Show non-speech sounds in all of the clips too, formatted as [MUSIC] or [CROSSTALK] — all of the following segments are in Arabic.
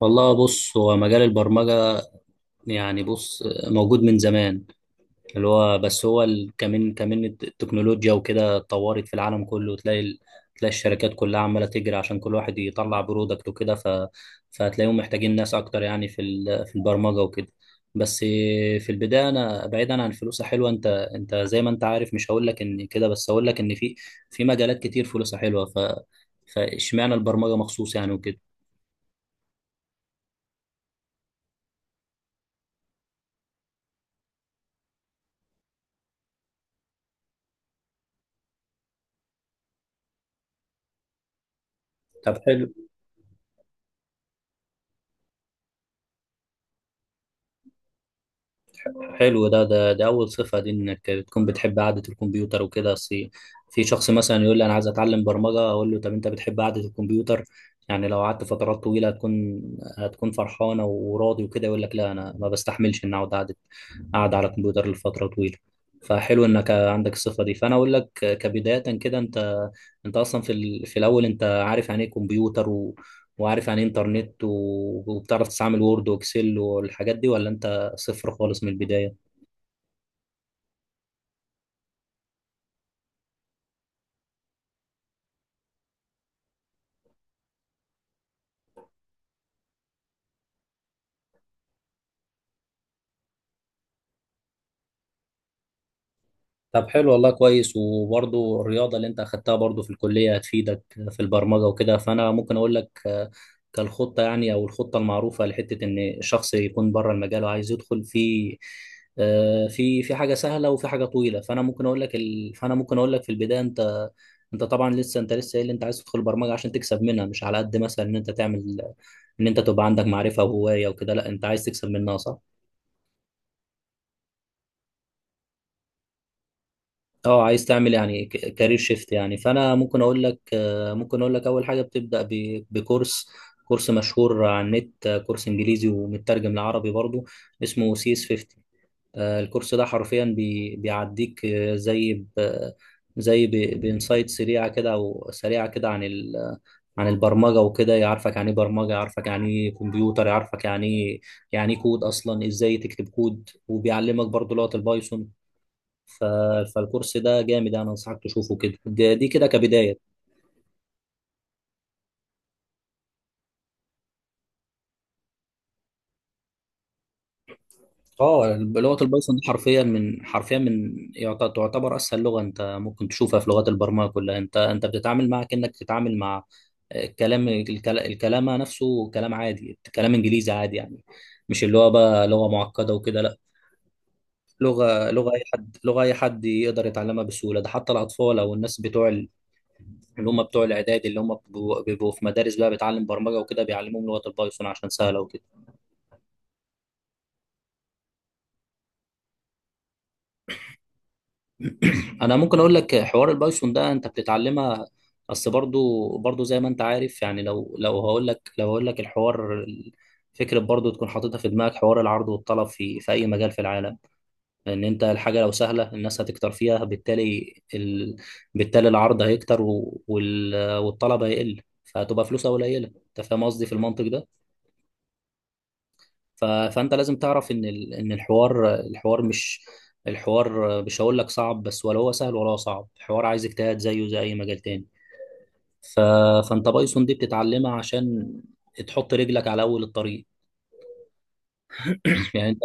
والله، بص، هو مجال البرمجة. يعني بص، موجود من زمان. اللي هو بس هو كمان كمان التكنولوجيا وكده اتطورت في العالم كله، تلاقي تلاقي الشركات كلها عمالة تجري عشان كل واحد يطلع برودكت وكده، فهتلاقيهم محتاجين ناس أكتر، يعني في في البرمجة وكده. بس في البداية، أنا بعيدا عن فلوسها حلوة، أنت زي ما أنت عارف، مش هقول لك إن كده، بس هقول لك إن في مجالات كتير فلوسها حلوة، فاشمعنى البرمجة مخصوص يعني وكده؟ طب، حلو. حلو، ده دي أول صفة، دي إنك بتكون بتحب قعدة الكمبيوتر وكده. أصل في شخص مثلا يقول لي أنا عايز أتعلم برمجة، أقول له طب أنت بتحب قعدة الكمبيوتر؟ يعني لو قعدت فترات طويلة هتكون فرحانة وراضي وكده؟ يقول لك لا أنا ما بستحملش إن أقعد قاعد على الكمبيوتر لفترة طويلة. فحلو إنك عندك الصفة دي. فأنا أقول لك كبداية كده، أنت أصلا في في الأول، أنت عارف يعني إيه كمبيوتر، وعارف يعني إيه إنترنت، وبتعرف تستعمل وورد وإكسل والحاجات دي، ولا أنت صفر خالص من البداية؟ طب حلو، والله كويس. وبرضو الرياضة اللي انت اخدتها برضو في الكلية هتفيدك في البرمجة وكده. فانا ممكن اقول لك كالخطة يعني، او الخطة المعروفة، لحتة ان الشخص يكون بره المجال وعايز يدخل في في حاجة سهلة وفي حاجة طويلة. فانا ممكن اقول لك في البداية، انت طبعا لسه، انت لسه قايل انت عايز تدخل برمجة عشان تكسب منها، مش على قد مثلا ان انت تبقى عندك معرفة وهواية وكده. لا انت عايز تكسب منها صح؟ اه، عايز تعمل يعني كارير شيفت يعني. فانا ممكن اقول لك ممكن اقول لك اول حاجه بتبدا بكورس، كورس مشهور على النت، كورس انجليزي ومترجم لعربي برضو، اسمه سي اس 50. الكورس ده حرفيا بيعديك زي بانسايت سريعه كده، او سريعه كده، عن عن البرمجه وكده. يعرفك يعني ايه برمجه، يعرفك يعني ايه كمبيوتر، يعرفك يعني ايه، يعني إيه كود اصلا، ازاي تكتب كود، وبيعلمك برضو لغه البايثون. ف... فالكورس ده جامد يعني، انصحك تشوفه كده. دي كده كبدايه. اه، لغه البايثون دي حرفيا، تعتبر اسهل لغه انت ممكن تشوفها في لغات البرمجه كلها. انت بتتعامل معها كانك بتتعامل مع الكلام، الكلام نفسه كلام عادي، كلام انجليزي عادي يعني. مش اللي هو بقى لغه معقده وكده، لا، لغه اي حد يقدر يتعلمها بسهوله. ده حتى الاطفال او الناس بتوع اللي هم بتوع الاعداد، اللي هم بيبقوا في مدارس بقى بتعلم برمجه وكده، بيعلموهم لغه البايثون عشان سهله وكده. [CLEARS THROAT] انا ممكن اقول لك حوار البايثون ده انت بتتعلمها، بس برضو زي ما انت عارف يعني، لو هقول لك الحوار، فكرة برضو تكون حاططها في دماغك، حوار العرض والطلب في اي مجال في العالم. لان انت الحاجة لو سهلة الناس هتكتر فيها، بالتالي بالتالي العرض هيكتر والطلب هيقل، فهتبقى فلوسها قليلة. انت فاهم قصدي في المنطق ده؟ فانت لازم تعرف ان الحوار مش، الحوار مش هقول لك صعب بس، ولا هو سهل ولا هو صعب، الحوار عايز اجتهاد زيه زي اي مجال تاني. ف... فانت بايثون دي بتتعلمها عشان تحط رجلك على اول الطريق. [CLEARS THROAT] يعني انت،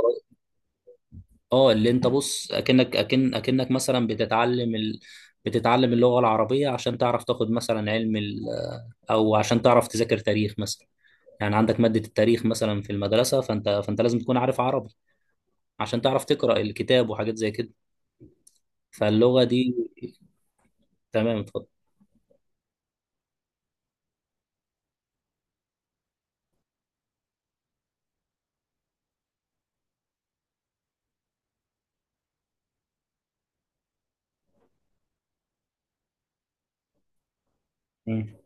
اه اللي انت بص، اكنك مثلا بتتعلم بتتعلم اللغة العربية عشان تعرف تاخد مثلا علم او عشان تعرف تذاكر تاريخ مثلا. يعني عندك مادة التاريخ مثلا في المدرسة، فانت لازم تكون عارف عربي عشان تعرف تقرأ الكتاب وحاجات زي كده. فاللغة دي، تمام اتفضل. مم.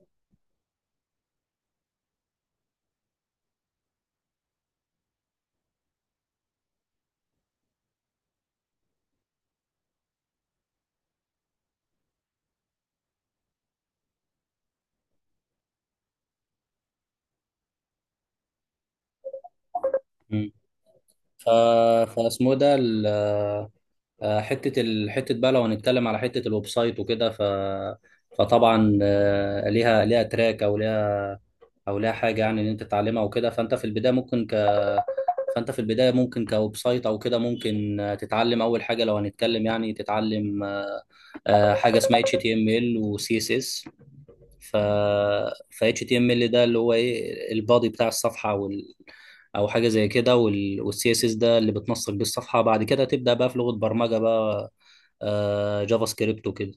مم. ف... فاسمه ده حتة حتة بقى، لو هنتكلم على حتة الويب سايت وكده. فطبعا ليها تراك، او ليها، او ليها حاجة يعني، ان انت تتعلمها وكده. فانت في البداية ممكن كويب سايت او كده، ممكن تتعلم اول حاجة، لو هنتكلم يعني تتعلم حاجة اسمها HTML و CSS. ف ف HTML ده اللي هو ايه، البادي بتاع الصفحه او حاجه زي كده، والسي اس اس ده اللي بتنسق بيه الصفحه. بعد كده تبدا بقى في لغه برمجه بقى، آه، جافا سكريبت وكده.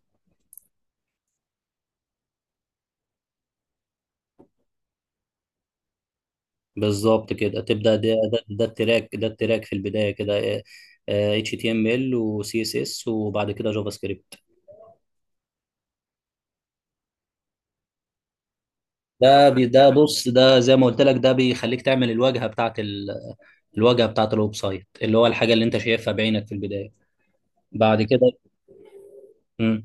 بالظبط كده تبدا، ده التراك، ده التراك في البدايه كده. اتش تي ام ال وسي اس اس وبعد كده جافا سكريبت. ده بص، ده زي ما قلت لك، ده بيخليك تعمل الواجهه بتاعت الواجهه بتاعت الويب سايت، اللي هو الحاجه اللي انت شايفها بعينك في البدايه. بعد كده. مم.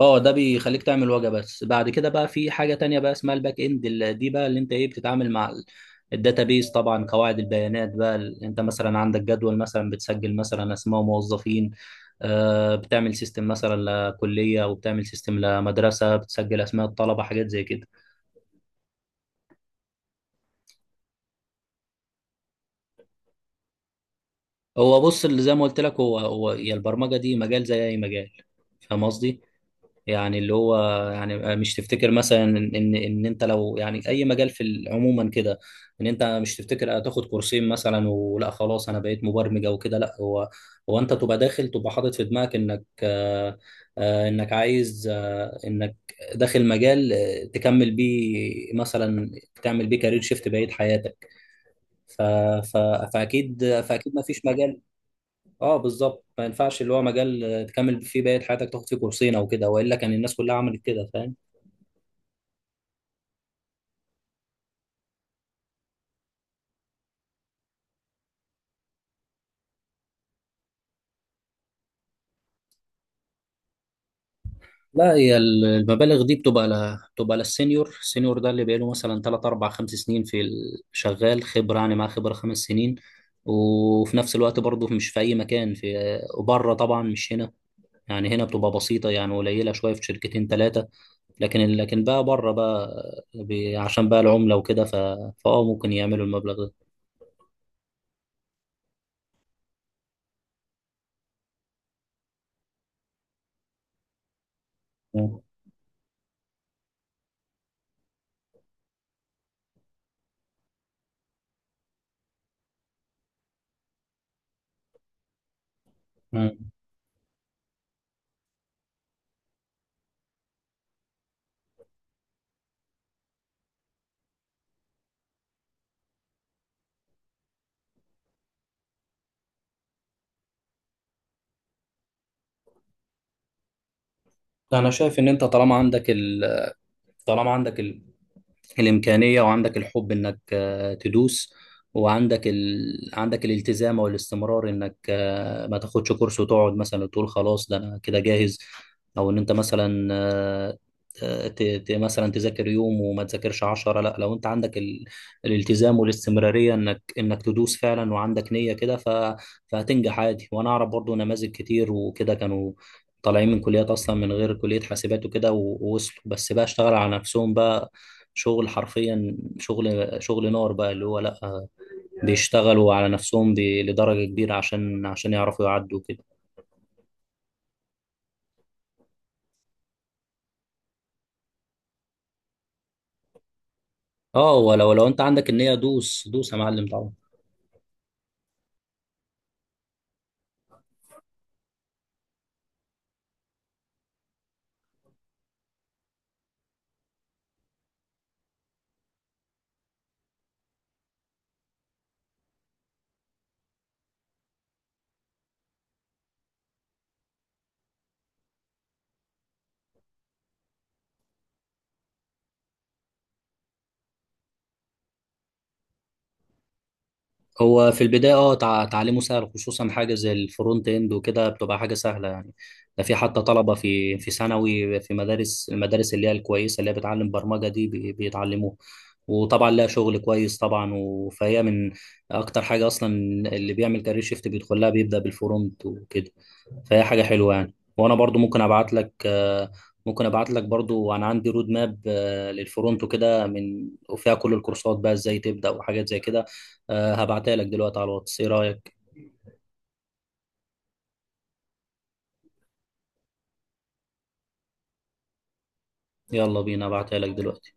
اه ده بيخليك تعمل واجهه بس. بعد كده بقى في حاجه تانية بقى اسمها الباك اند، دي بقى اللي انت ايه بتتعامل مع الداتابيز، طبعا قواعد البيانات بقى. انت مثلا عندك جدول مثلا بتسجل مثلا اسماء موظفين، بتعمل سيستم مثلا لكليه، وبتعمل سيستم لمدرسه بتسجل اسماء الطلبه، حاجات زي كده. هو بص، اللي زي ما قلت لك، هو يا، البرمجه دي مجال زي اي مجال، فاهم قصدي؟ يعني اللي هو، يعني مش تفتكر مثلا ان انت لو، يعني اي مجال في عموما كده، ان انت مش تفتكر هتاخد كورسين مثلا ولا خلاص انا بقيت مبرمج او كده، لا، هو هو انت تبقى داخل، تبقى حاطط في دماغك انك انك عايز انك داخل مجال تكمل بيه مثلا، تعمل بيه كارير شيفت بقية حياتك. ف... ف... فاكيد ما فيش مجال. اه بالظبط، ما ينفعش اللي هو مجال تكمل فيه بقية حياتك، تاخد فيه كورسين او كده، والا كان الناس كلها عملت كده، فاهم؟ لا هي المبالغ دي بتبقى بتبقى للسينيور. السينيور ده اللي بقاله مثلا 3 4 5 سنين في شغال خبرة، يعني معاه خبرة 5 سنين. وفي نفس الوقت برضه مش في اي مكان، في وبره طبعا مش هنا، يعني هنا بتبقى بسيطة، يعني قليلة شوية في شركتين ثلاثة. لكن بقى بره بقى عشان بقى العملة وكده، فاه ممكن يعملوا المبلغ ده. مم. انا شايف ان انت طالما عندك طالما عندك الإمكانية، وعندك الحب إنك تدوس، وعندك عندك الالتزام والاستمرار، إنك ما تاخدش كورس وتقعد مثلا وتقول خلاص ده أنا كده جاهز، أو إن أنت مثلا مثلا تذاكر يوم وما تذاكرش 10. لا، لو أنت عندك الالتزام والاستمرارية إنك تدوس فعلا وعندك نية كده، فهتنجح عادي. وأنا أعرف برضو نماذج كتير وكده، كانوا طالعين من كليات أصلا من غير كلية حاسبات وكده، ووصلوا، بس بقى اشتغل على نفسهم بقى شغل، حرفيا شغل نار بقى، اللي هو لا، بيشتغلوا على نفسهم لدرجة كبيرة عشان، يعرفوا يعدوا كده. اه ولو، لو انت عندك النية دوس دوس يا معلم طبعا. هو في البداية اه، تعليمه سهل، خصوصا حاجة زي الفرونت اند وكده، بتبقى حاجة سهلة يعني. ده في حتى طلبة في ثانوي، في المدارس اللي هي الكويسة، اللي هي بتعلم برمجة دي بيتعلموها، وطبعا لها شغل كويس طبعا، فهي من اكتر حاجة اصلا اللي بيعمل كارير شيفت بيدخلها بيبدأ بالفرونت وكده. فهي حاجة حلوة يعني. وانا برضو ممكن ابعت لك ممكن ابعت لك برضو، انا عندي رود ماب للفرونتو كده، من وفيها كل الكورسات بقى، ازاي تبدأ وحاجات زي كده. هبعتها لك دلوقتي على الواتس، ايه رأيك؟ يلا بينا ابعتها لك دلوقتي.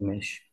ماشي.